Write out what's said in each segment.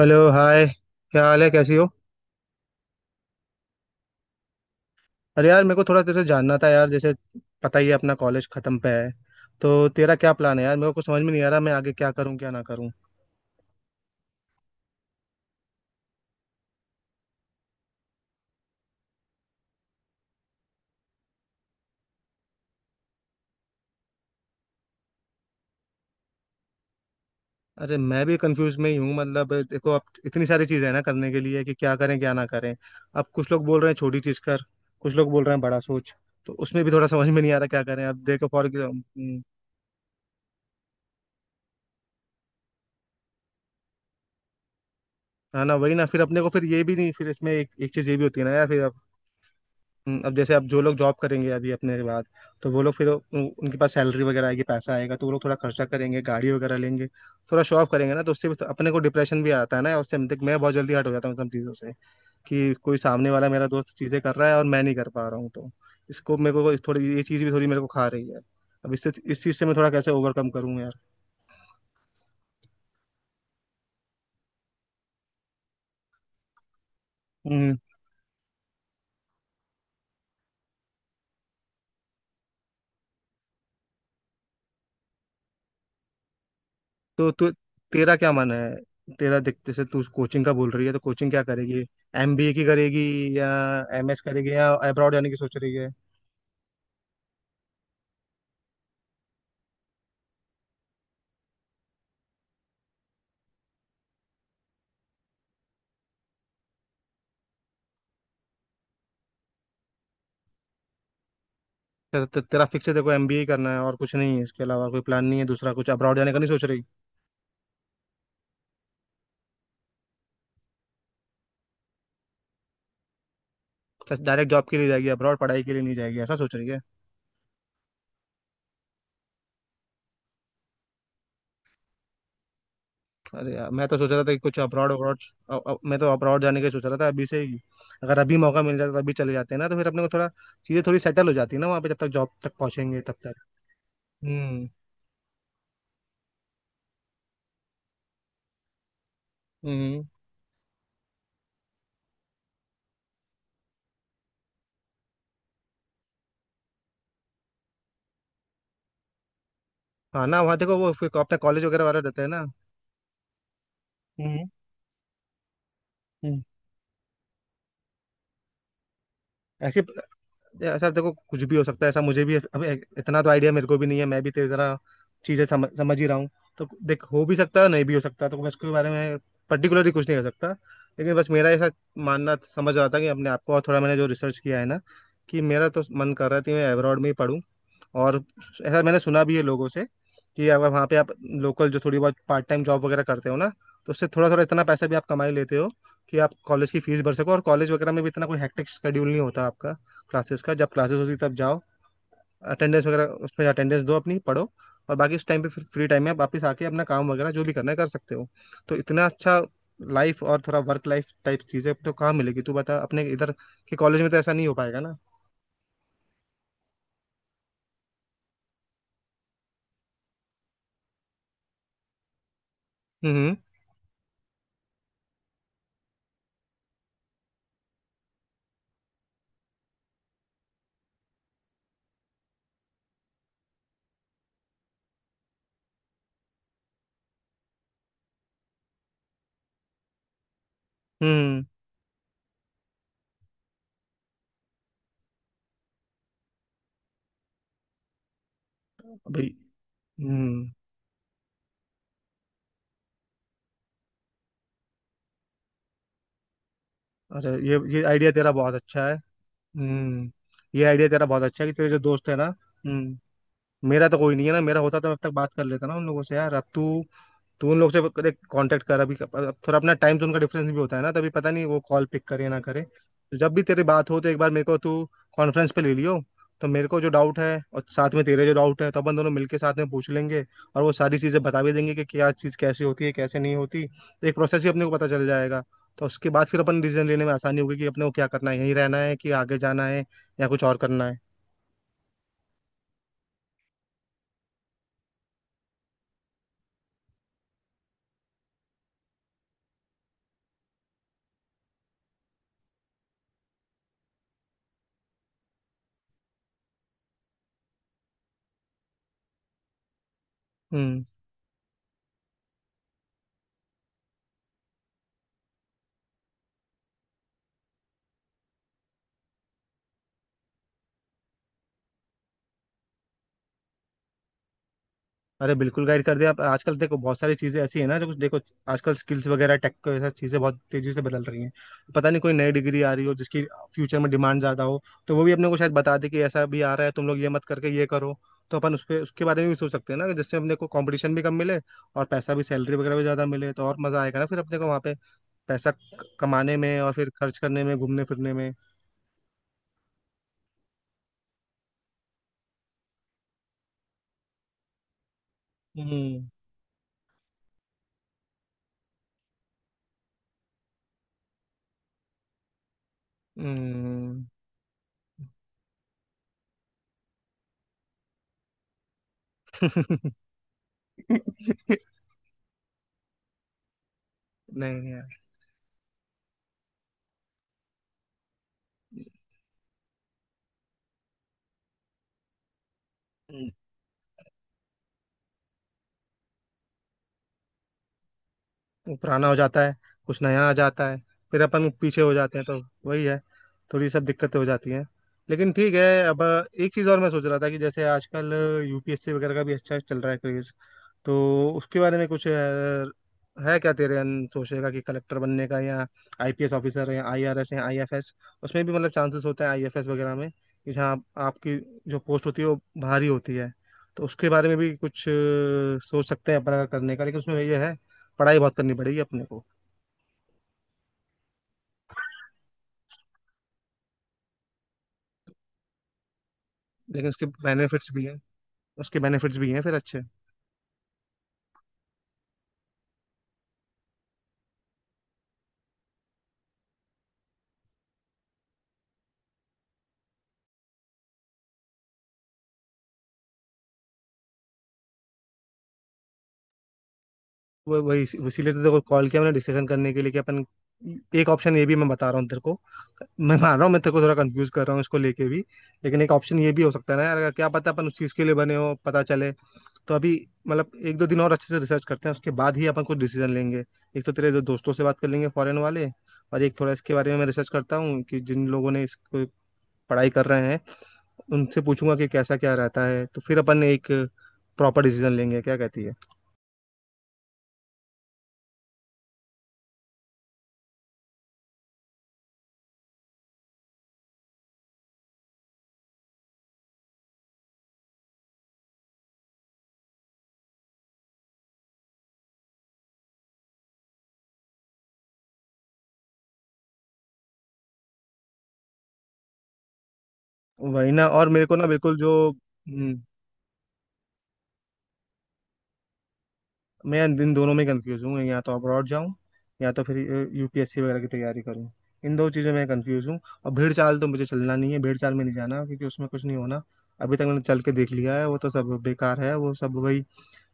Hello hi. क्या हाल है, कैसी हो? अरे यार मेरे को थोड़ा तेरे से जानना था यार। जैसे पता ही है अपना कॉलेज खत्म पे है, तो तेरा क्या प्लान है यार? मेरे को कुछ समझ में नहीं आ रहा, मैं आगे क्या करूं क्या ना करूं। अरे मैं भी कंफ्यूज में ही हूँ। मतलब देखो अब इतनी सारी चीज़ें हैं ना करने के लिए कि क्या करें क्या ना करें। अब कुछ लोग बोल रहे हैं छोटी चीज़ कर, कुछ लोग बोल रहे हैं बड़ा सोच। तो उसमें भी थोड़ा समझ में नहीं आ रहा क्या करें। अब देखो फॉर है ना, वही ना। फिर अपने को फिर ये भी नहीं, फिर इसमें एक एक चीज़ ये भी होती है ना यार फिर। अब जैसे अब जो लोग जॉब करेंगे अभी अपने के बाद, तो वो लोग फिर उनके पास सैलरी वगैरह आएगी, पैसा आएगा, तो वो लोग थोड़ा खर्चा करेंगे, गाड़ी वगैरह लेंगे, थोड़ा शो ऑफ करेंगे ना। तो उससे भी तो अपने को डिप्रेशन भी आता है ना। और उससे देख मैं बहुत जल्दी हट हो जाता हूँ इन सब चीज़ों से कि कोई सामने वाला मेरा दोस्त चीज़ें कर रहा है और मैं नहीं कर पा रहा हूँ, तो इसको मेरे को थोड़ी ये चीज़ भी थोड़ी मेरे को खा रही है। अब इससे इस चीज़ से मैं थोड़ा कैसे ओवरकम करूँ यार? तो तू, तेरा क्या मन है? तेरा देख जैसे तू कोचिंग का बोल रही है, तो कोचिंग क्या करेगी? एमबीए की करेगी या एमएस करेगी या अब्रॉड जाने की सोच रही है? ते, ते, तेरा फिक्स है देखो एमबीए करना है और कुछ नहीं है, इसके अलावा कोई प्लान नहीं है दूसरा? कुछ अब्रॉड जाने का नहीं सोच रही? डायरेक्ट जॉब के लिए जाएगी, अब्रॉड पढ़ाई के लिए नहीं जाएगी, ऐसा सोच रही है? अरे यार मैं तो सोच रहा था कि कुछ अब्रॉड अब्रॉड। मैं तो अब्रॉड जाने का ही सोच रहा था अभी से ही। अगर अभी मौका मिल जाता तो अभी चले जाते हैं ना, तो फिर अपने को थोड़ा चीजें थोड़ी सेटल हो जाती है ना वहाँ पे, जब तक जॉब तक पहुंचेंगे तब तक। हम्म। हम्म। हाँ ना, वहाँ देखो वो फिर अपने कॉलेज वगैरह वाले रहते हैं ना। हम्म। हम्म। ऐसे, ऐसा देखो कुछ भी हो सकता है। ऐसा मुझे भी अब इतना तो आइडिया मेरे को भी नहीं है, मैं भी तेरी तरह चीजें समझ समझ ही रहा हूँ। तो देख हो भी सकता है, नहीं भी हो सकता, तो मैं इसके बारे में पर्टिकुलरली कुछ नहीं कर सकता। लेकिन बस मेरा ऐसा मानना समझ रहा था कि अपने आप को और थोड़ा मैंने जो रिसर्च किया है ना, कि मेरा तो मन कर रहा था कि मैं अब्रॉड में ही पढूं। और ऐसा मैंने सुना भी है लोगों से कि अगर वहाँ पे आप लोकल जो थोड़ी बहुत पार्ट टाइम जॉब वगैरह करते हो ना, तो उससे थोड़ा थोड़ा इतना पैसा भी आप कमाई लेते हो कि आप कॉलेज की फीस भर सको। और कॉलेज वगैरह में भी इतना कोई हेक्टिक शेड्यूल नहीं होता आपका। क्लासेस का जब क्लासेस होती है तब जाओ, अटेंडेंस वगैरह उसमें अटेंडेंस दो, अपनी पढ़ो। और बाकी उस टाइम पे फिर फ्री टाइम में आप वापस आके अपना काम वगैरह जो भी करना है कर सकते हो। तो इतना अच्छा लाइफ और थोड़ा वर्क लाइफ टाइप चीजें तो कहाँ मिलेगी तू बता? अपने इधर के कॉलेज में तो ऐसा नहीं हो पाएगा ना। हम्म। हम्म। भाई। हम्म। अरे ये आइडिया तेरा बहुत अच्छा है। हम्म। ये आइडिया तेरा बहुत अच्छा है कि तेरे जो दोस्त है ना। हम्म। मेरा तो कोई नहीं है ना। मेरा होता तो मैं अब तक बात कर लेता ना उन लोगों से यार। अब तू, तू उन लोग से कांटेक्ट कर अभी। अब थोड़ा अपना टाइम जोन का डिफरेंस भी होता है ना, तभी पता नहीं वो कॉल पिक करे ना करे। तो जब भी तेरी बात हो तो एक बार मेरे को तू कॉन्फ्रेंस पे ले लियो। तो मेरे को जो डाउट है और साथ में तेरे जो डाउट है, तो अपन दोनों मिलके साथ में पूछ लेंगे। और वो सारी चीज़ें बता भी देंगे कि क्या चीज़ कैसे होती है कैसे नहीं होती, तो एक प्रोसेस ही अपने को पता चल जाएगा। तो उसके बाद फिर अपन डिसीजन लेने में आसानी होगी कि अपने को क्या करना है, यहीं रहना है कि आगे जाना है या कुछ और करना है। हम्म। अरे बिल्कुल गाइड कर दिया आप। आजकल देखो बहुत सारी चीज़ें ऐसी है ना जो कुछ देखो आजकल स्किल्स वगैरह टेक को ऐसा चीज़ें बहुत तेज़ी से बदल रही हैं। पता नहीं कोई नई डिग्री आ रही हो जिसकी फ्यूचर में डिमांड ज़्यादा हो, तो वो भी अपने को शायद बता दे कि ऐसा भी आ रहा है, तुम लोग ये मत करके ये करो। तो अपन उस पे उसके बारे में भी सोच सकते हैं ना, जिससे अपने को कंपटीशन भी कम मिले और पैसा भी सैलरी वगैरह भी ज़्यादा मिले, तो और मज़ा आएगा ना फिर अपने को वहाँ पे पैसा कमाने में और फिर खर्च करने में, घूमने फिरने में। हम्म। हम्म। नहीं यार, पुराना हो जाता है, कुछ नया आ जाता है, फिर अपन पीछे हो जाते हैं तो वही है, थोड़ी सब दिक्कतें हो जाती हैं। लेकिन ठीक है अब। एक चीज़ और मैं सोच रहा था कि जैसे आजकल यूपीएससी वगैरह का भी अच्छा चल रहा है क्रेज, तो उसके बारे में कुछ है क्या तेरे? अन सोचेगा कि कलेक्टर बनने का, या आईपीएस ऑफिसर, या आईआरएस, या आईएफएस। उसमें भी मतलब चांसेस होते हैं आईएफएस वगैरह में कि जहाँ आप, आपकी जो पोस्ट होती है वो भारी होती है। तो उसके बारे में भी कुछ सोच सकते हैं अपन अगर करने का। लेकिन उसमें ये है, पढ़ाई बहुत करनी पड़ेगी अपने को। लेकिन उसके बेनिफिट्स भी हैं, उसके बेनिफिट्स भी हैं फिर अच्छे। वो वही इसीलिए तो देखो कॉल किया मैंने डिस्कशन करने के लिए कि अपन एक ऑप्शन ये भी मैं बता रहा हूँ तेरे को। मैं मान रहा हूँ मैं तेरे को थोड़ा कंफ्यूज कर रहा हूँ इसको लेके भी, लेकिन एक ऑप्शन ये भी हो सकता है ना यार, अगर क्या पता अपन उस चीज़ के लिए बने हो, पता चले। तो अभी मतलब एक दो दिन और अच्छे से रिसर्च करते हैं, उसके बाद ही अपन कुछ डिसीजन लेंगे। एक तो तेरे दो दोस्तों से बात कर लेंगे फॉरेन वाले, और एक थोड़ा इसके बारे में मैं रिसर्च करता हूँ कि जिन लोगों ने इसको पढ़ाई कर रहे हैं उनसे पूछूंगा कि कैसा क्या रहता है, तो फिर अपन एक प्रॉपर डिसीजन लेंगे। क्या कहती है? वही ना। और मेरे को ना बिल्कुल जो मैं इन दोनों में कंफ्यूज हूँ, या तो अब्रॉड जाऊँ या तो फिर यूपीएससी वगैरह की तैयारी करूँ। इन दो चीज़ों में कंफ्यूज हूँ। और भीड़ चाल तो मुझे चलना नहीं है, भीड़ चाल में नहीं जाना, क्योंकि उसमें कुछ नहीं होना। अभी तक मैंने चल के देख लिया है, वो तो सब बेकार है वो सब। वही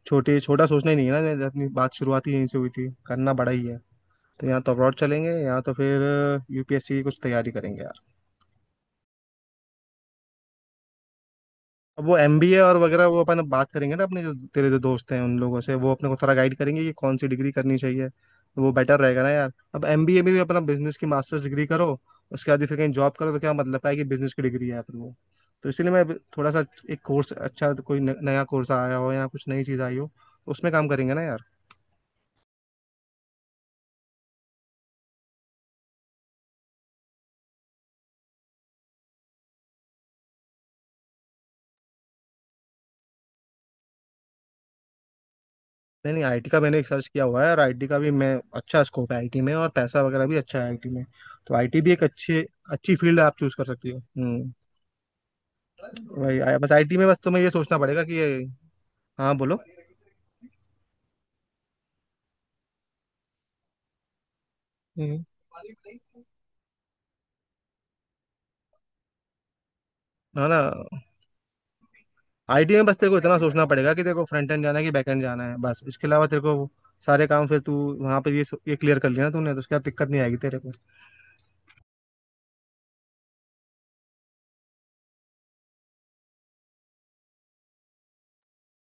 छोटे छोटा सोचना ही नहीं है ना, अपनी बात शुरुआत ही यहीं से हुई थी, करना बड़ा ही है। तो या तो अब्रॉड चलेंगे या तो फिर यूपीएससी की कुछ तैयारी करेंगे। अब वो एमबीए और वगैरह वो अपन बात करेंगे ना अपने जो तेरे जो दोस्त हैं उन लोगों से, वो अपने को थोड़ा गाइड करेंगे कि कौन सी डिग्री करनी चाहिए। वो बेटर रहेगा ना यार। अब एमबीए में भी अपना बिजनेस की मास्टर्स डिग्री करो, उसके बाद ही फिर कहीं जॉब करो, तो क्या मतलब है कि बिजनेस की डिग्री है फिर वो। तो इसीलिए मैं अभी थोड़ा सा एक कोर्स अच्छा कोई नया कोर्स आया हो या कुछ नई चीज़ आई हो तो उसमें काम करेंगे ना यार। नहीं नहीं, आईटी का मैंने एक सर्च किया हुआ है। और आईटी का भी मैं अच्छा स्कोप है आईटी में, और पैसा वगैरह भी अच्छा है आईटी में। तो आईटी भी एक अच्छी, अच्छी फील्ड आप चूज कर सकती हो। हम्म, वही आया। बस आईटी में बस तुम्हें ये सोचना पड़ेगा कि ये। हाँ बोलो। हम्म, है ना। आईटी में बस तेरे को इतना सोचना पड़ेगा कि तेरे को फ्रंट एंड जाना है कि बैक एंड जाना है, बस इसके अलावा तेरे को सारे काम फिर तू वहाँ पे ये क्लियर कर लिया ना तूने, तो उसके बाद दिक्कत नहीं आएगी तेरे को।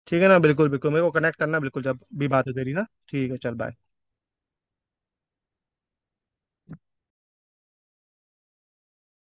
ठीक है ना, बिल्कुल बिल्कुल। मेरे को कनेक्ट करना बिल्कुल जब भी बात हो तेरी ना। ठीक है, चल बाय।